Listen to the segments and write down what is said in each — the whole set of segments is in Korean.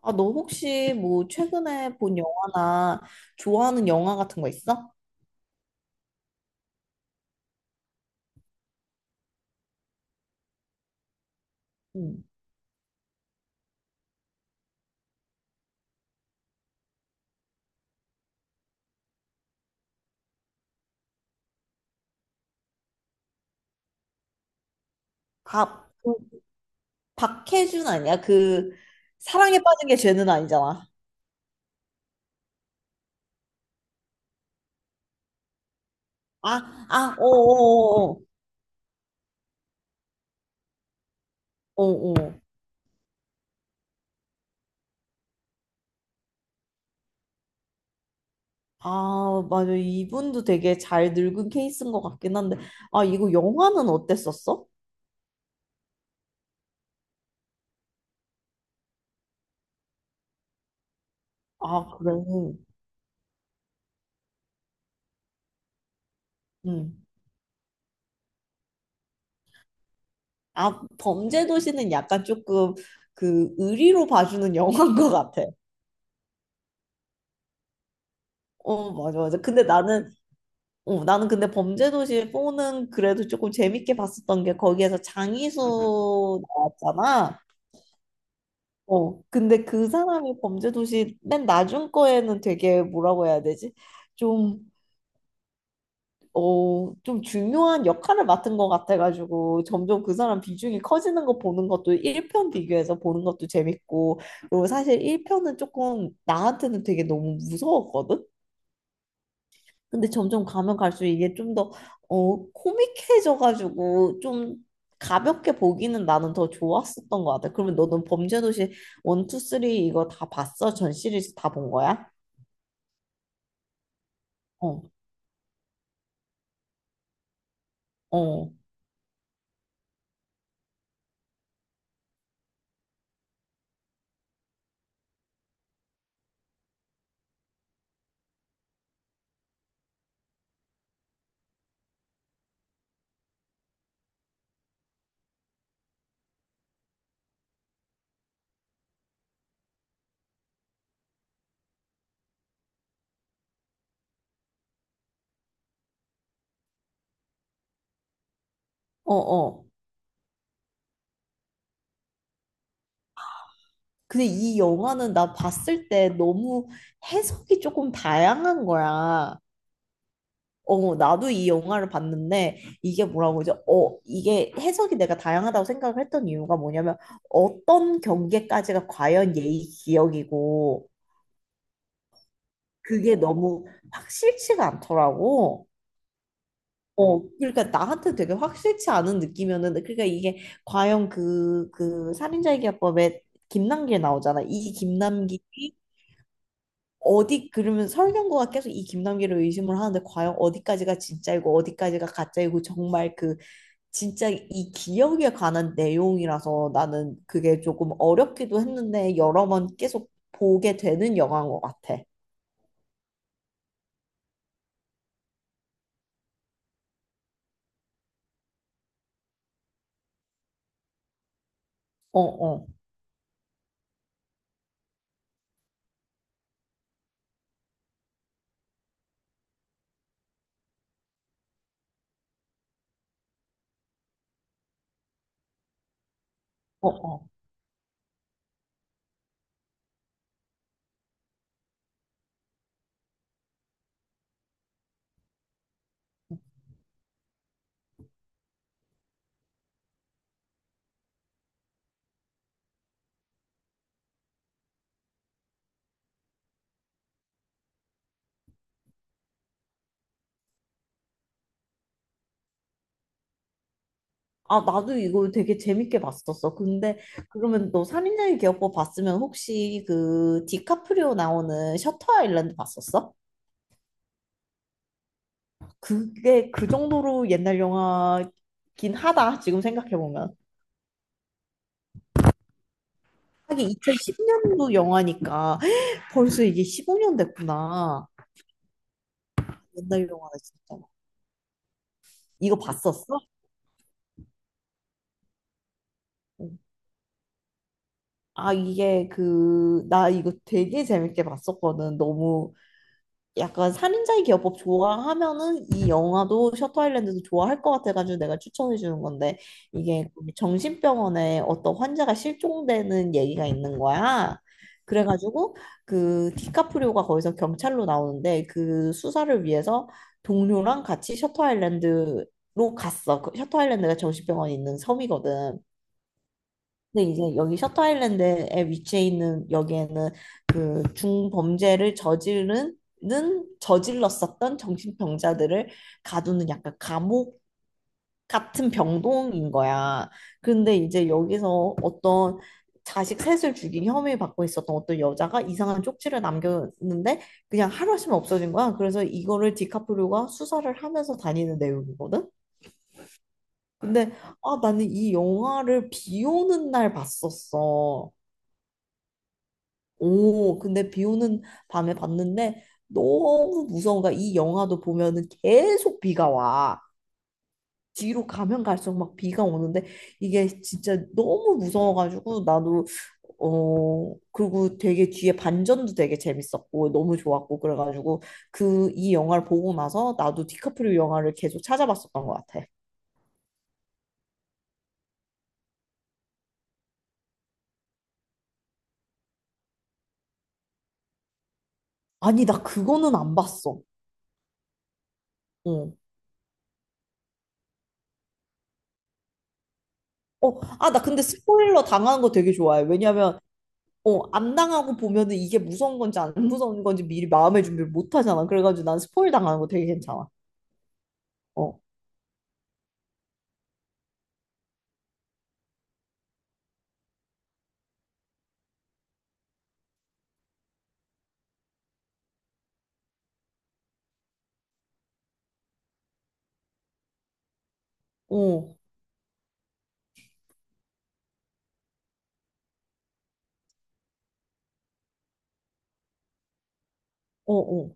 아, 너 혹시 뭐 최근에 본 영화나 좋아하는 영화 같은 거 있어? 응. 그 박해준 아니야? 그 사랑에 빠진 게 죄는 아니잖아. 아, 아, 오 오 오 오 오. 아, 맞아. 이분도 되게 잘 늙은 케이스인 것 같긴 한데. 아, 이거 영화는 어땠었어? 아, 그래. 음. 아, 범죄도시는 약간 조금 그 의리로 봐주는 영화인 것 같아. 어, 맞아, 맞아. 근데 나는, 어, 나는 근데 범죄도시 보는 그래도 조금 재밌게 봤었던 게 거기에서 장이수 나왔잖아. 어, 근데 그 사람이 범죄도시 맨 나중 거에는 되게 뭐라고 해야 되지? 좀, 어, 좀 중요한 역할을 맡은 것 같아가지고 점점 그 사람 비중이 커지는 거 보는 것도 1편 비교해서 보는 것도 재밌고, 그리고 사실 1편은 조금 나한테는 되게 너무 무서웠거든? 근데 점점 가면 갈수록 이게 좀 더, 어, 코믹해져가지고 좀 가볍게 보기는 나는 더 좋았었던 것 같아. 그러면 너는 범죄도시 1, 2, 3 이거 다 봤어? 전 시리즈 다 본 거야? 어, 어, 어, 어. 근데 이 영화는 나 봤을 때 너무 해석이 조금 다양한 거야. 어, 나도 이 영화를 봤는데 이게 뭐라고 그러죠? 어, 이게 해석이 내가 다양하다고 생각을 했던 이유가 뭐냐면 어떤 경계까지가 과연 예의 기억이고 그게 너무 확실치가 않더라고. 어, 그러니까 나한테 되게 확실치 않은 느낌이었는데 그러니까 이게 과연 그, 그 살인자의 기합법에 김남길 나오잖아. 이 김남길이 어디 그러면 설경구가 계속 이 김남길을 의심을 하는데 과연 어디까지가 진짜이고 어디까지가 가짜이고 정말 그 진짜 이 기억에 관한 내용이라서 나는 그게 조금 어렵기도 했는데 여러 번 계속 보게 되는 영화인 것 같아. 어, 어, 어, 어. 아, 나도 이거 되게 재밌게 봤었어. 근데 그러면 너 살인자의 기억법 봤으면 혹시 그 디카프리오 나오는 셔터 아일랜드 봤었어? 그게 그 정도로 옛날 영화긴 하다. 지금 생각해보면. 하긴 2010년도 영화니까 벌써 이게 15년 됐구나. 옛날 영화네 진짜. 이거 봤었어? 아, 이게 그, 나 이거 되게 재밌게 봤었거든. 너무 약간 살인자의 기어법 좋아하면은 이 영화도 셔터 아일랜드도 좋아할 것 같아가지고 내가 추천해 주는 건데 이게 정신병원에 어떤 환자가 실종되는 얘기가 있는 거야. 그래가지고 그 디카프리오가 거기서 경찰로 나오는데 그 수사를 위해서 동료랑 같이 셔터 아일랜드로 갔어. 그 셔터 아일랜드가 정신병원이 있는 섬이거든. 근데 이제 여기 셔터 아일랜드에 위치해 있는 여기에는 그 중범죄를 저지르는 저질렀었던 정신병자들을 가두는 약간 감옥 같은 병동인 거야. 근데 이제 여기서 어떤 자식 셋을 죽인 혐의 받고 있었던 어떤 여자가 이상한 쪽지를 남겼는데 그냥 하루 아침에 없어진 거야. 그래서 이거를 디카프리오가 수사를 하면서 다니는 내용이거든. 근데 아 나는 이 영화를 비 오는 날 봤었어. 오, 근데 비 오는 밤에 봤는데 너무 무서운 거야. 이 영화도 보면은 계속 비가 와. 뒤로 가면 갈수록 막 비가 오는데 이게 진짜 너무 무서워가지고 나도 어, 그리고 되게 뒤에 반전도 되게 재밌었고 너무 좋았고 그래가지고 그 이 영화를 보고 나서 나도 디카프리오 영화를 계속 찾아봤었던 것 같아. 아니, 나 그거는 안 봤어. 어. 어, 아, 나 근데 스포일러 당하는 거 되게 좋아해. 왜냐면 어, 안 당하고 보면은 이게 무서운 건지 안 무서운 건지 미리 마음의 준비를 못 하잖아. 그래가지고 난 스포일 당하는 거 되게 괜찮아. 어, 어, 어, 어.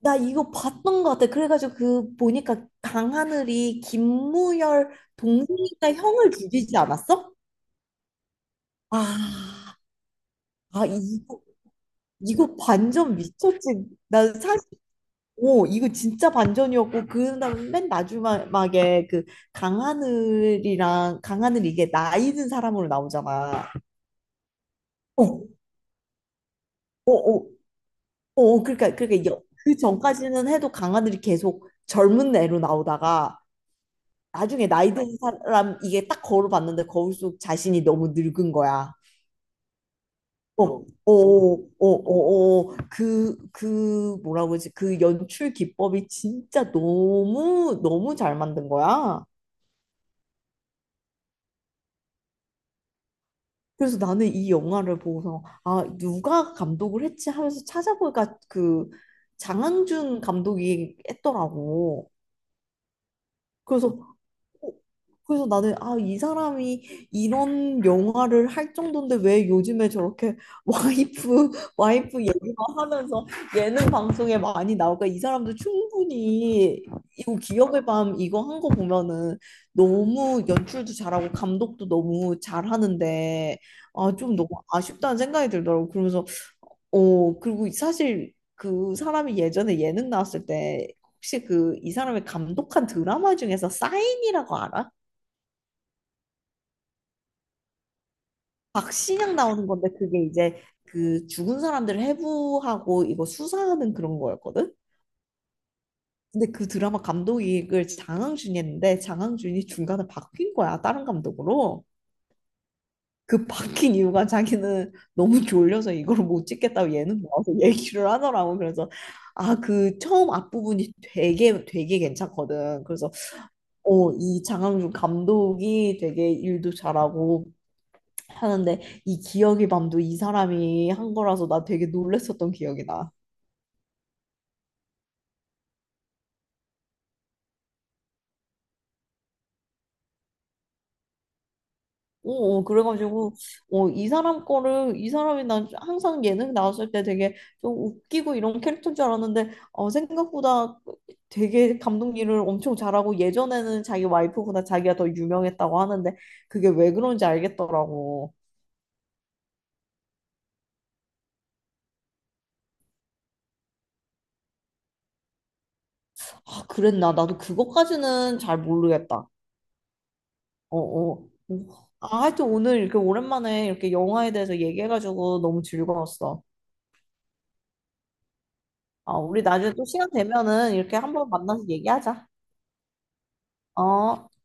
나 이거 봤던 것 같아. 그래가지고 그 보니까 강하늘이 김무열 동생이니까 형을 죽이지 않았어? 아, 아, 이거 반전 미쳤지. 난 사실 오, 이거 진짜 반전이었고 그다음 맨 마지막에 그 강하늘이랑 강하늘 이게 나이든 사람으로 나오잖아. 어, 어, 어, 어, 그러니까 그 전까지는 해도 강아들이 계속 젊은 애로 나오다가 나중에 나이 든 사람 이게 딱 걸어봤는데 거울 속 자신이 너무 늙은 거야. 어, 어, 어, 어, 어, 어. 그, 그 뭐라고 그러지? 그 연출 기법이 진짜 너무 너무 잘 만든 거야. 그래서 나는 이 영화를 보고서 아, 누가 감독을 했지 하면서 찾아보니까 그 장항준 감독이 했더라고. 그래서 어, 그래서 나는 아, 이 사람이 이런 영화를 할 정도인데 왜 요즘에 저렇게 와이프 와이프 얘기만 하면서 예능 방송에 많이 나올까? 이 사람도 충분히 이거 기억의 밤 이거 한 거 보면은 너무 연출도 잘하고 감독도 너무 잘하는데 아, 좀 너무 아쉽다는 생각이 들더라고. 그러면서 어, 그리고 사실 그 사람이 예전에 예능 나왔을 때 혹시 그 이 사람이 감독한 드라마 중에서 싸인 이라고 알아? 박신양 나오는 건데 그게 이제 그 죽은 사람들을 해부하고 이거 수사하는 그런 거였거든? 근데 그 드라마 감독이 장항준이 했는데 장항준이 중간에 바뀐 거야, 다른 감독으로. 그 바뀐 이유가 자기는 너무 졸려서 이걸 못 찍겠다고 예능 나와서 얘기를 하더라고. 그래서 아, 그 처음 앞부분이 되게 되게 괜찮거든. 그래서 어, 이 장항준 감독이 되게 일도 잘하고 하는데 이 기억의 밤도 이 사람이 한 거라서 나 되게 놀랬었던 기억이 나. 어, 어, 그래가지고 어, 이 사람 거를 이 사람이 난 항상 예능 나왔을 때 되게 좀 웃기고 이런 캐릭터인 줄 알았는데 어, 생각보다 되게 감독 일을 엄청 잘하고 예전에는 자기 와이프보다 자기가 더 유명했다고 하는데 그게 왜 그런지 알겠더라고. 아, 그랬나? 나도 그것까지는 잘 모르겠다. 어, 어. 음. 아, 하여튼 오늘 이렇게 오랜만에 이렇게 영화에 대해서 얘기해가지고 너무 즐거웠어. 아, 우리 나중에 또 시간 되면은 이렇게 한번 만나서 얘기하자. 어.